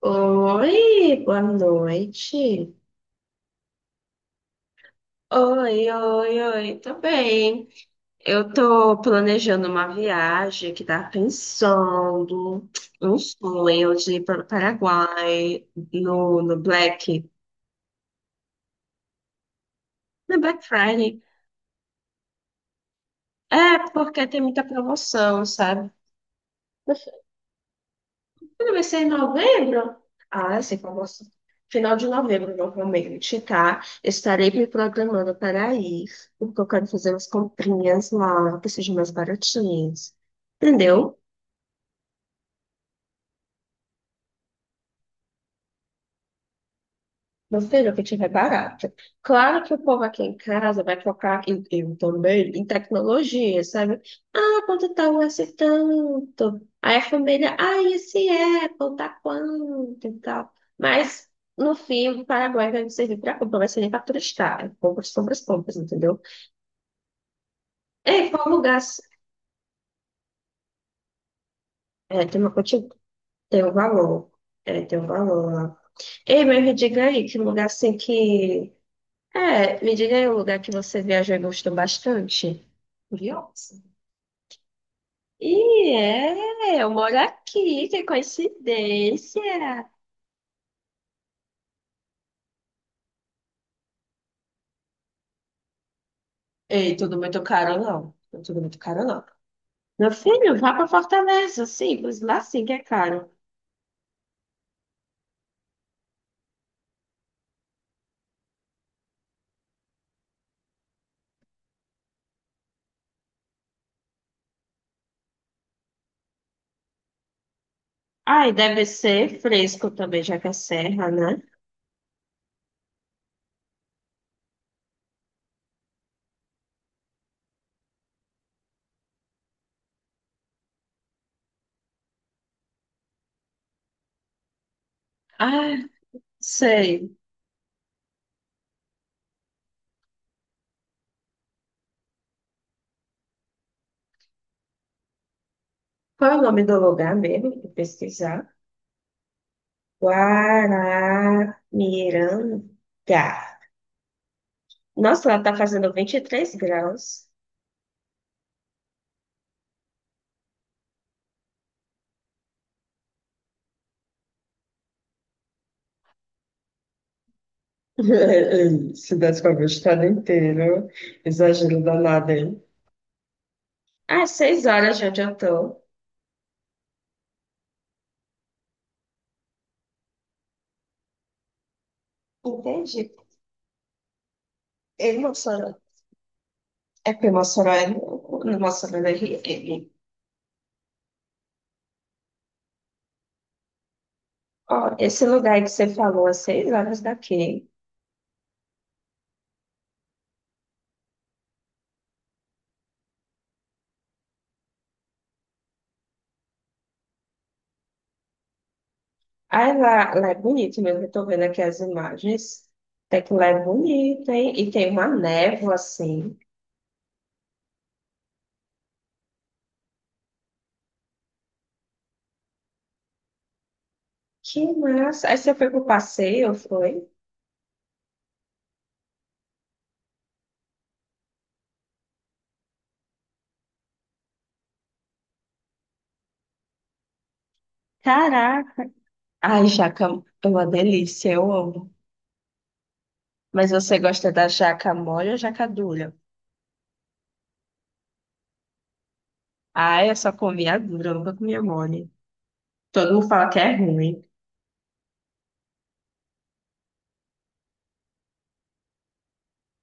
Oi, boa noite. Oi, oi, oi, tô bem. Eu tô planejando uma viagem que tá pensando um sonho de ir para o Paraguai no, no Black, no Black Friday. É, porque tem muita promoção, sabe? Quando vai ser em novembro? Ah, sim, como assim? Final de novembro, normalmente, tá? Estarei me programando para ir, porque eu quero fazer umas comprinhas lá, que sejam mais baratinhas. Entendeu? Meu filho, o que tiver barato. Claro que o povo aqui em casa vai focar, em, eu também, em tecnologia, sabe? Ah, quanto tá um esse tanto? Aí a família, esse Apple tá quanto e tal. Mas, no fim, o Paraguai vai servir para compra, vai servir para turistar. É compras, compras, compras, entendeu? Ei, qual lugar? É, tem um valor. É, tem um valor lá. Ei, mas me diga aí, que lugar assim que... É, me diga aí um lugar que você viajou e gostou bastante. Curioso. E é, eu moro aqui, que coincidência. Ei, tudo muito caro, não. Tudo muito caro, não. Meu filho, vá para Fortaleza, simples, lá sim que é caro. Ai, deve ser fresco também, já que é serra, né? Ah, sei. Qual é o nome do lugar mesmo? Vou pesquisar. Guaramiranga. Nossa, lá tá fazendo 23 graus. Se desse pra ver o estado inteiro, exagero danado, hein? Ah, 6 horas de onde eu tô. Entendi. Ei, Mossoró. É porque Mossoró é no Mossoró da RN. Ó, esse lugar aí que você falou, a 6 horas daqui. Ah, lá é bonito mesmo, eu tô vendo aqui as imagens. Até que lá é bonito, hein? E tem uma névoa, assim. Que massa. Aí você foi pro passeio, foi? Caraca. Ai, jaca, é uma delícia, eu amo. Mas você gosta da jaca mole ou jaca dura? Ah, eu só comi a dura, eu nunca comi a mole. Todo mundo fala que é ruim.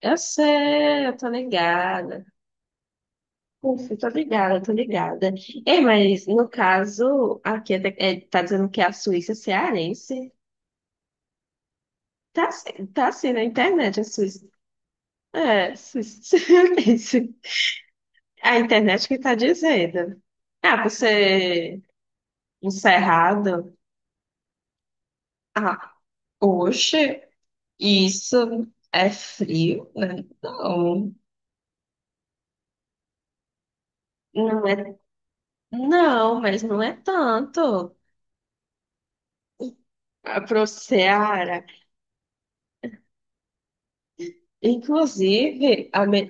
Eu sei, eu tô ligada. Ufa, eu tô ligada, eu tô ligada. Ei, mas no caso, aqui é, tá dizendo que a Suíça é cearense. Tá assim na internet, a Suíça. É, Suíça é cearense. A internet que tá dizendo. Ah, você encerrado. Ah, oxe. Isso é frio, né? Não, não é, não, mas não é tanto para o Ceará. Inclusive, a, me,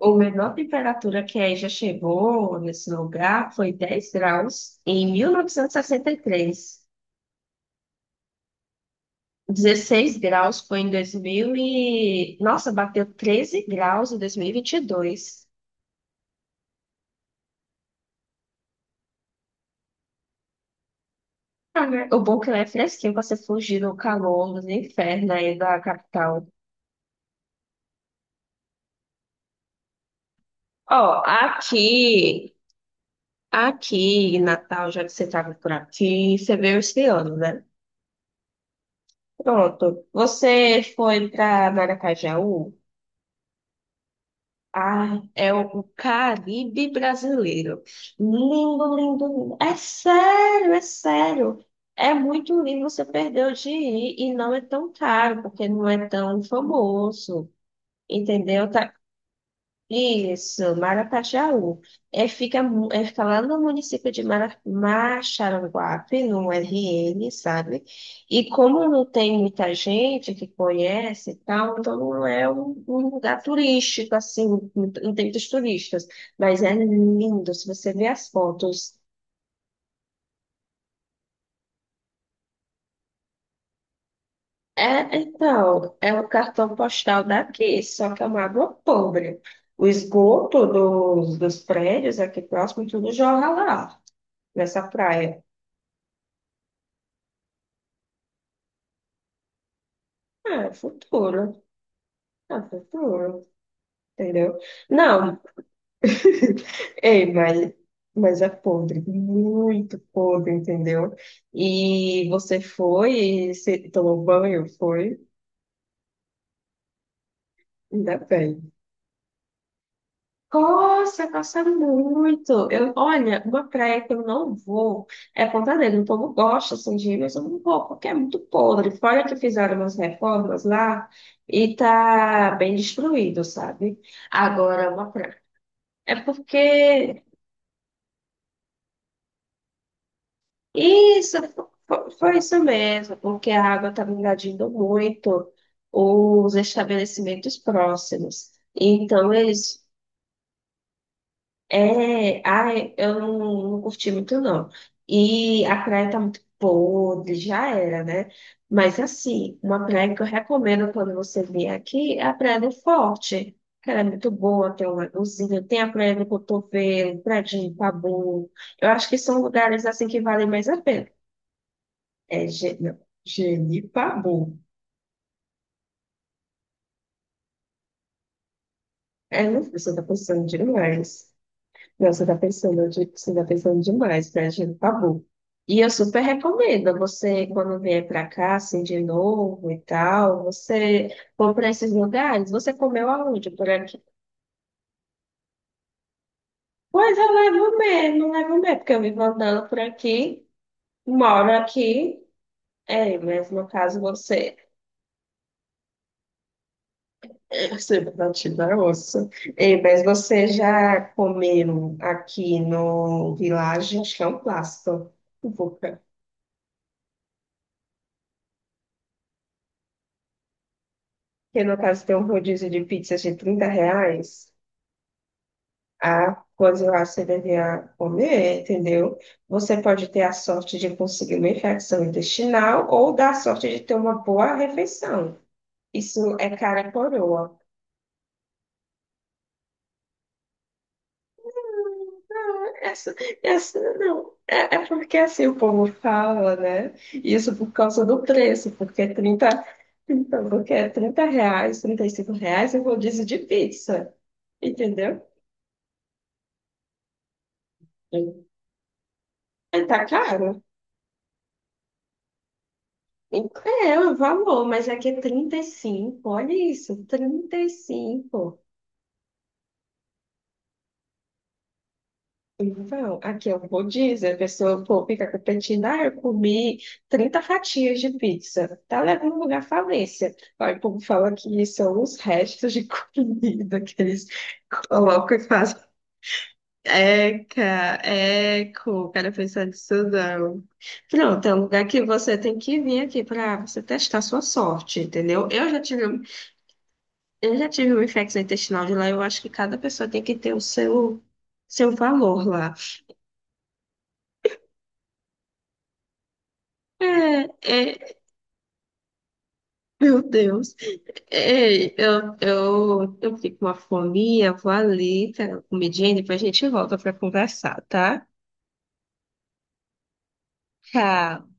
a menor temperatura que aí já chegou nesse lugar foi 10 graus em mil novecentos e sessenta e três. 16 graus foi em 2000 e... Nossa, bateu 13 graus em 2022. Ah, né? O bom é que lá é fresquinho para você fugir do calor, do inferno aí da capital. Ó, aqui em Natal, já que você estava por aqui, você veio esse ano, né? Pronto. Você foi para Maracajaú? Ah, é o Caribe brasileiro. Lindo, lindo, lindo. É sério, é sério. É muito lindo, você perdeu de ir e não é tão caro, porque não é tão famoso. Entendeu? Tá. Isso. Maracajá É, fica, mu- é, Fica lá no município de Maxaranguape, no RN, sabe? E como não tem muita gente que conhece e tal, então não é um lugar turístico, assim, não tem muitos turistas. Mas é lindo, se você ver as fotos. É, então, é o cartão postal daqui, só que é uma água pobre. O esgoto dos prédios aqui próximo, tudo jorra lá nessa praia. Ah, futuro. Ah, futuro. Entendeu? Não. Ei, mas é podre. Muito podre, entendeu? E você foi e se tomou banho? Foi? Ainda bem. Nossa, gosta muito. Eu, olha, uma praia que eu não vou é Ponta Negra. O povo gosta assim, de ir, mas eu não vou, porque é muito podre. Fora que fizeram umas reformas lá e tá bem destruído, sabe? Agora, uma praia. É porque isso foi isso mesmo, porque a água estava invadindo muito os estabelecimentos próximos. Então eles. É, ai, eu não, não curti muito, não. E a praia tá muito podre, já era, né? Mas, assim, uma praia que eu recomendo quando você vier aqui é a Praia do Forte, que ela é muito boa, tem um lagozinho, tem a Praia do Cotovelo, Praia de Ipabu. Eu acho que são lugares, assim, que valem mais a pena. É, não, Genipabu. É, não, você tá pensando demais. Não, você tá pensando demais, né, gente? Tabu. E eu super recomendo você, quando vier pra cá, assim, de novo e tal, você for pra esses lugares, você comeu aonde por aqui? Pois eu levo mesmo, porque eu vivo andando por aqui, moro aqui, é, mas no caso você, você batido na ossa, é, mas você já comeu aqui no Village, acho que é um plástico, que no caso tem um rodízio de pizzas de R$ 30, a coisa lá você deveria comer, entendeu? Você pode ter a sorte de conseguir uma infecção intestinal ou dar a sorte de ter uma boa refeição. Isso é cara coroa. Não. Essa não. É porque assim o povo fala, né? Isso por causa do preço, porque 30, então, porque é R$ 30, R$ 35 é rodízio de pizza, entendeu? Aí. Tá caro. É, o valor, mas aqui é 35, olha isso, 35. Então, aqui é o rodízio, a pessoa, pô, fica competindo, eu comi 30 fatias de pizza, tá levando lugar à falência. Aí o povo fala que são os restos de comida que eles colocam e fazem. Eca, eco, cara pensar nisso não. Pronto, é um lugar que você tem que vir aqui para você testar sua sorte, entendeu? Eu já tive uma infecção intestinal de lá, eu acho que cada pessoa tem que ter o seu valor lá. É, é, meu Deus. É, eu fico com uma fominha, vou ali, cara, comidinha, e depois a gente volta para conversar, tá? Tchau.